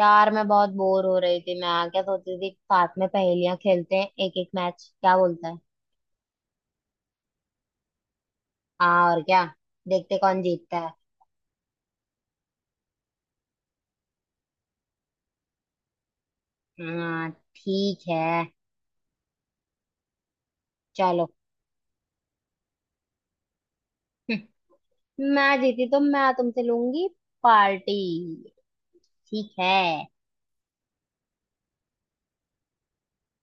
यार मैं बहुत बोर हो रही थी। मैं क्या सोचती थी, साथ में पहेलियां खेलते हैं। एक एक मैच क्या बोलता है। हाँ और क्या। देखते कौन जीतता है। हाँ। ठीक है। चलो। मैं जीती तो मैं तुमसे लूंगी पार्टी। ठीक है।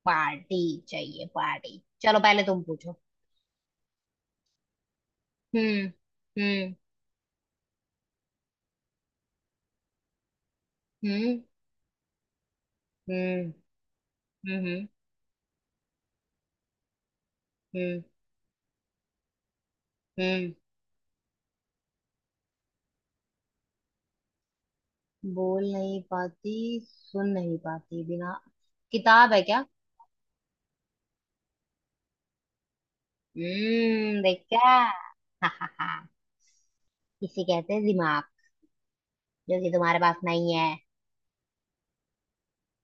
पार्टी चाहिए पार्टी। चलो पहले तुम पूछो। हम्म। हम्म। हम्म। हम्म। हम्म। हम्म। हम्म। हम्म। बोल नहीं पाती, सुन नहीं पाती, बिना किताब है क्या। हम्म, देखा। हा हा हा। इसे कहते हैं दिमाग, जो कि तुम्हारे पास नहीं है।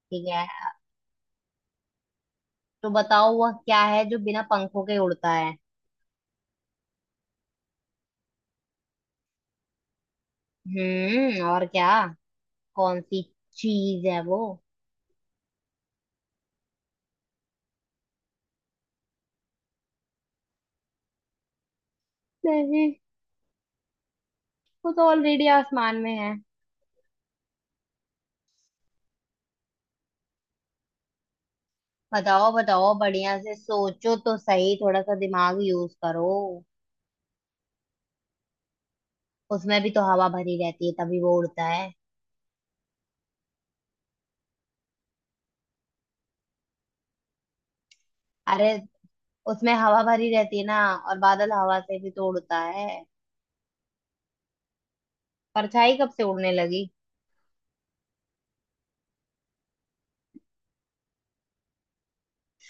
ठीक है। अब तो बताओ वह क्या है जो बिना पंखों के उड़ता है। और क्या। कौन सी चीज है वो। नहीं, वो तो ऑलरेडी आसमान में है। बताओ बताओ, बढ़िया से सोचो तो सही, थोड़ा सा दिमाग यूज करो। उसमें भी तो हवा भरी रहती है तभी वो उड़ता है। अरे, उसमें हवा भरी रहती है ना, और बादल हवा से भी तो उड़ता है। परछाई कब से उड़ने लगी।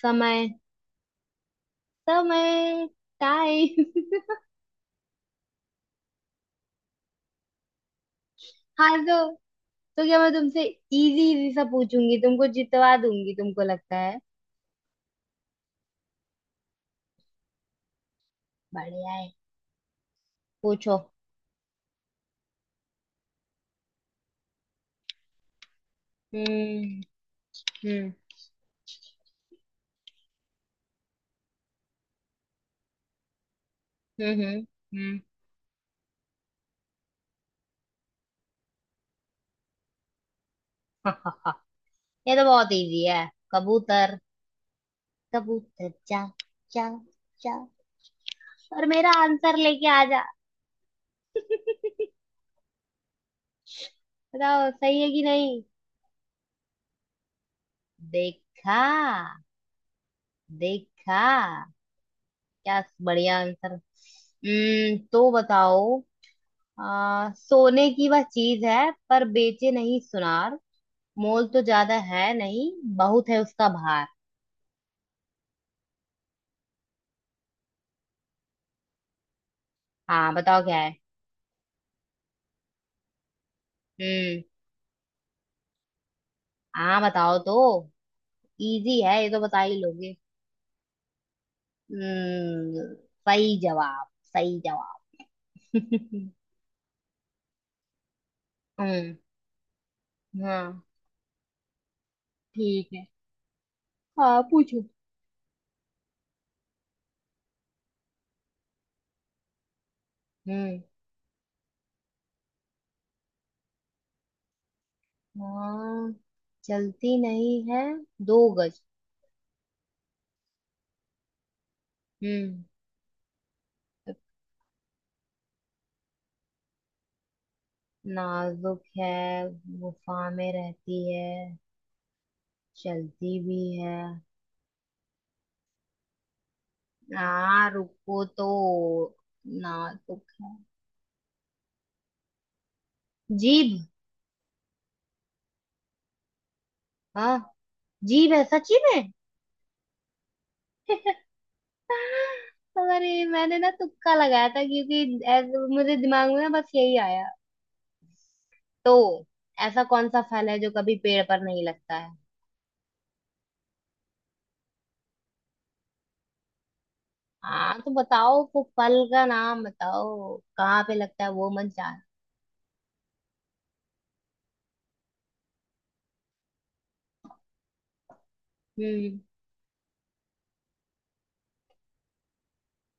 समय। समय। टाइम। हाँ तो क्या मैं तुमसे इजी इजी सा पूछूंगी, तुमको जितवा दूंगी, तुमको लगता है। बढ़िया है। पूछो। हम्म। हम्म। हम्म। हम्म। हम्म। ये तो बहुत इजी है। कबूतर। कबूतर जा जा जा, और मेरा आंसर लेके आ जा। बताओ सही है कि नहीं। देखा, देखा, क्या बढ़िया आंसर। हम्म, तो बताओ। सोने की वह चीज है पर बेचे नहीं सुनार, मोल तो ज्यादा है नहीं, बहुत है उसका भार। हाँ बताओ क्या है। हम्म। हाँ बताओ तो, इजी है ये तो बता ही लोगे। हम्म। सही जवाब, सही जवाब। हम्म। हाँ। ठीक है। हाँ, पूछो। हम्म। हाँ, चलती नहीं है दो गज। हम्म। नाजुक है, गुफा में रहती है, चलती भी है। हाँ रुको तो ना। तो क्या, जीभ। हाँ। जीभ है सची में। अरे, मैंने ना तुक्का लगाया था, क्योंकि ऐसे मुझे दिमाग में ना बस यही आया। तो ऐसा कौन सा फल है जो कभी पेड़ पर नहीं लगता है। हाँ तो बताओ, वो फल का नाम बताओ, कहाँ पे लगता है वो मन चाह। हम्म।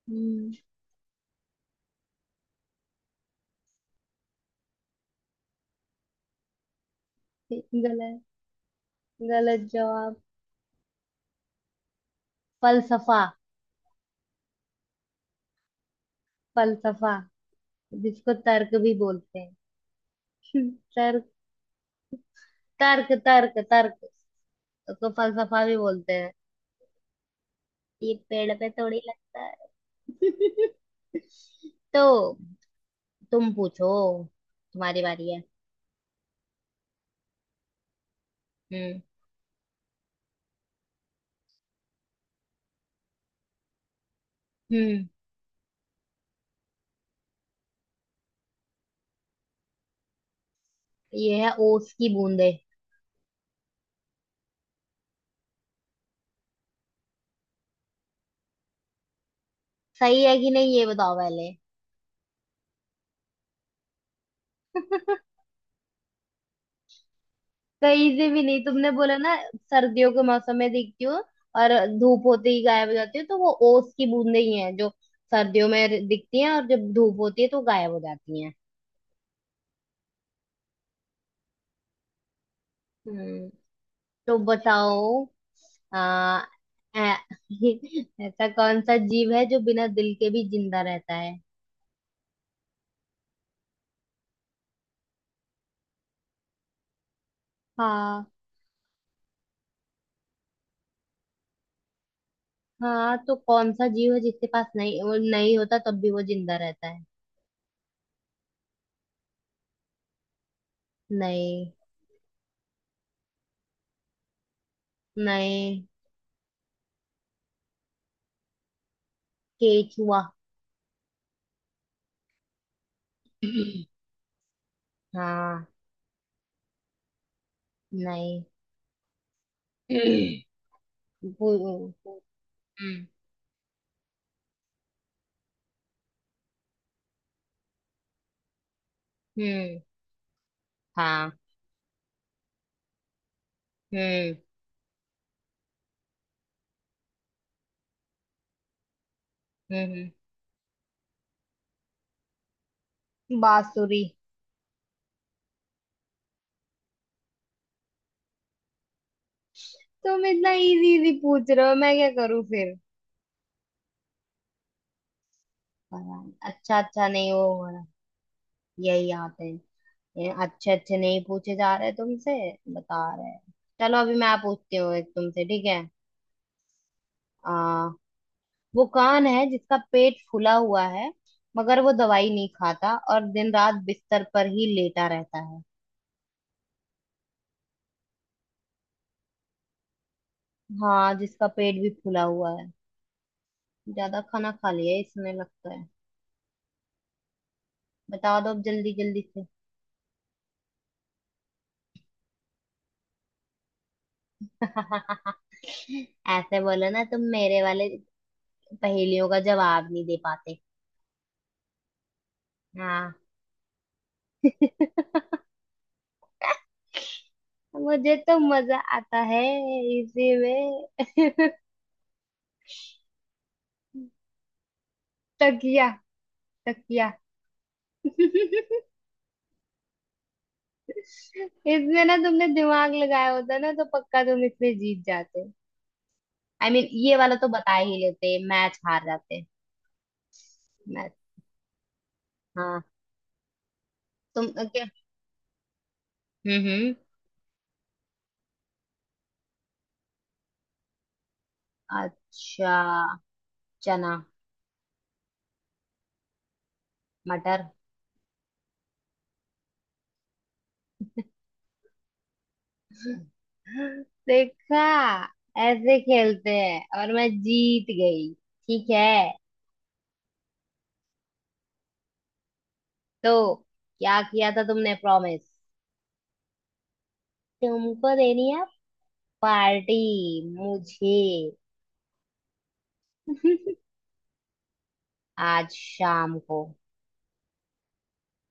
हम्म। गलत, गलत जवाब। फलसफा। फलसफा, जिसको तर्क भी बोलते हैं। तर्क, तर्क, तर्क। तर्क उसको फलसफा भी बोलते हैं, ये पेड़ पे थोड़ी लगता है। तो तुम पूछो, तुम्हारी बारी है। हम्म। हम्म। ये है ओस की बूंदे। सही है कि नहीं ये बताओ पहले। कहीं से भी नहीं, तुमने बोला ना, सर्दियों के मौसम में दिखती हो, और धूप होते ही गायब हो जाती हो, तो वो ओस की बूंदे ही हैं जो सर्दियों में दिखती हैं और जब धूप होती है तो गायब हो जाती हैं। हम्म। तो बताओ। आ, ऐ- ऐसा कौन सा जीव है जो बिना दिल के भी जिंदा रहता है। हाँ। हाँ तो कौन सा जीव है जिसके पास नहीं, वो नहीं होता तब भी वो जिंदा रहता है। नहीं। नहीं। केचुआ। हाँ। नहीं। वो- वो- वो- हम्म। हम्म। हाँ। हम्म। हम्म। हम्म। बांसुरी। तुम इतना इजी इजी पूछ रहे हो, मैं क्या करूँ फिर। पता नहीं। अच्छा अच्छा नहीं वो हो रहा। यही आते हैं। ये अच्छे अच्छे नहीं पूछे जा रहे तुमसे, बता रहे हैं। चलो अभी मैं पूछती हूँ एक तुमसे, ठीक है। आ, वो कान है जिसका पेट फूला हुआ है, मगर वो दवाई नहीं खाता और दिन रात बिस्तर पर ही लेटा रहता है। हाँ, जिसका पेट भी फूला हुआ है, ज्यादा खाना खा लिया है इसमें लगता है। बता दो अब जल्दी जल्दी से। ऐसे बोलो ना, तुम मेरे वाले पहेलियों का जवाब नहीं दे पाते। हाँ। मुझे तो मजा आता है इसी में। तकिया। तकिया। इसमें ना तुमने दिमाग लगाया होता ना, तो पक्का तुम इसमें जीत जाते। आई I मीन mean, ये वाला तो बता ही लेते, मैच हार जाते। मैच। हाँ। तुम क्या। हम्म। हम्म। अच्छा। चना। मटर। देखा, ऐसे खेलते हैं, और मैं जीत गई। ठीक है। तो क्या किया था तुमने प्रॉमिस, तुमको देनी है पार्टी मुझे। आज शाम को।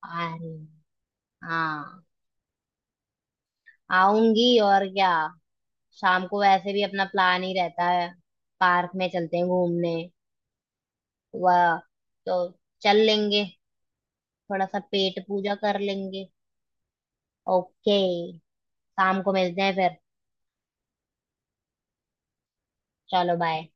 अरे, हाँ। आऊंगी और क्या, शाम को वैसे भी अपना प्लान ही रहता है, पार्क में चलते हैं घूमने वह। तो चल लेंगे, थोड़ा सा पेट पूजा कर लेंगे। ओके। शाम को मिलते हैं फिर। चलो बाय।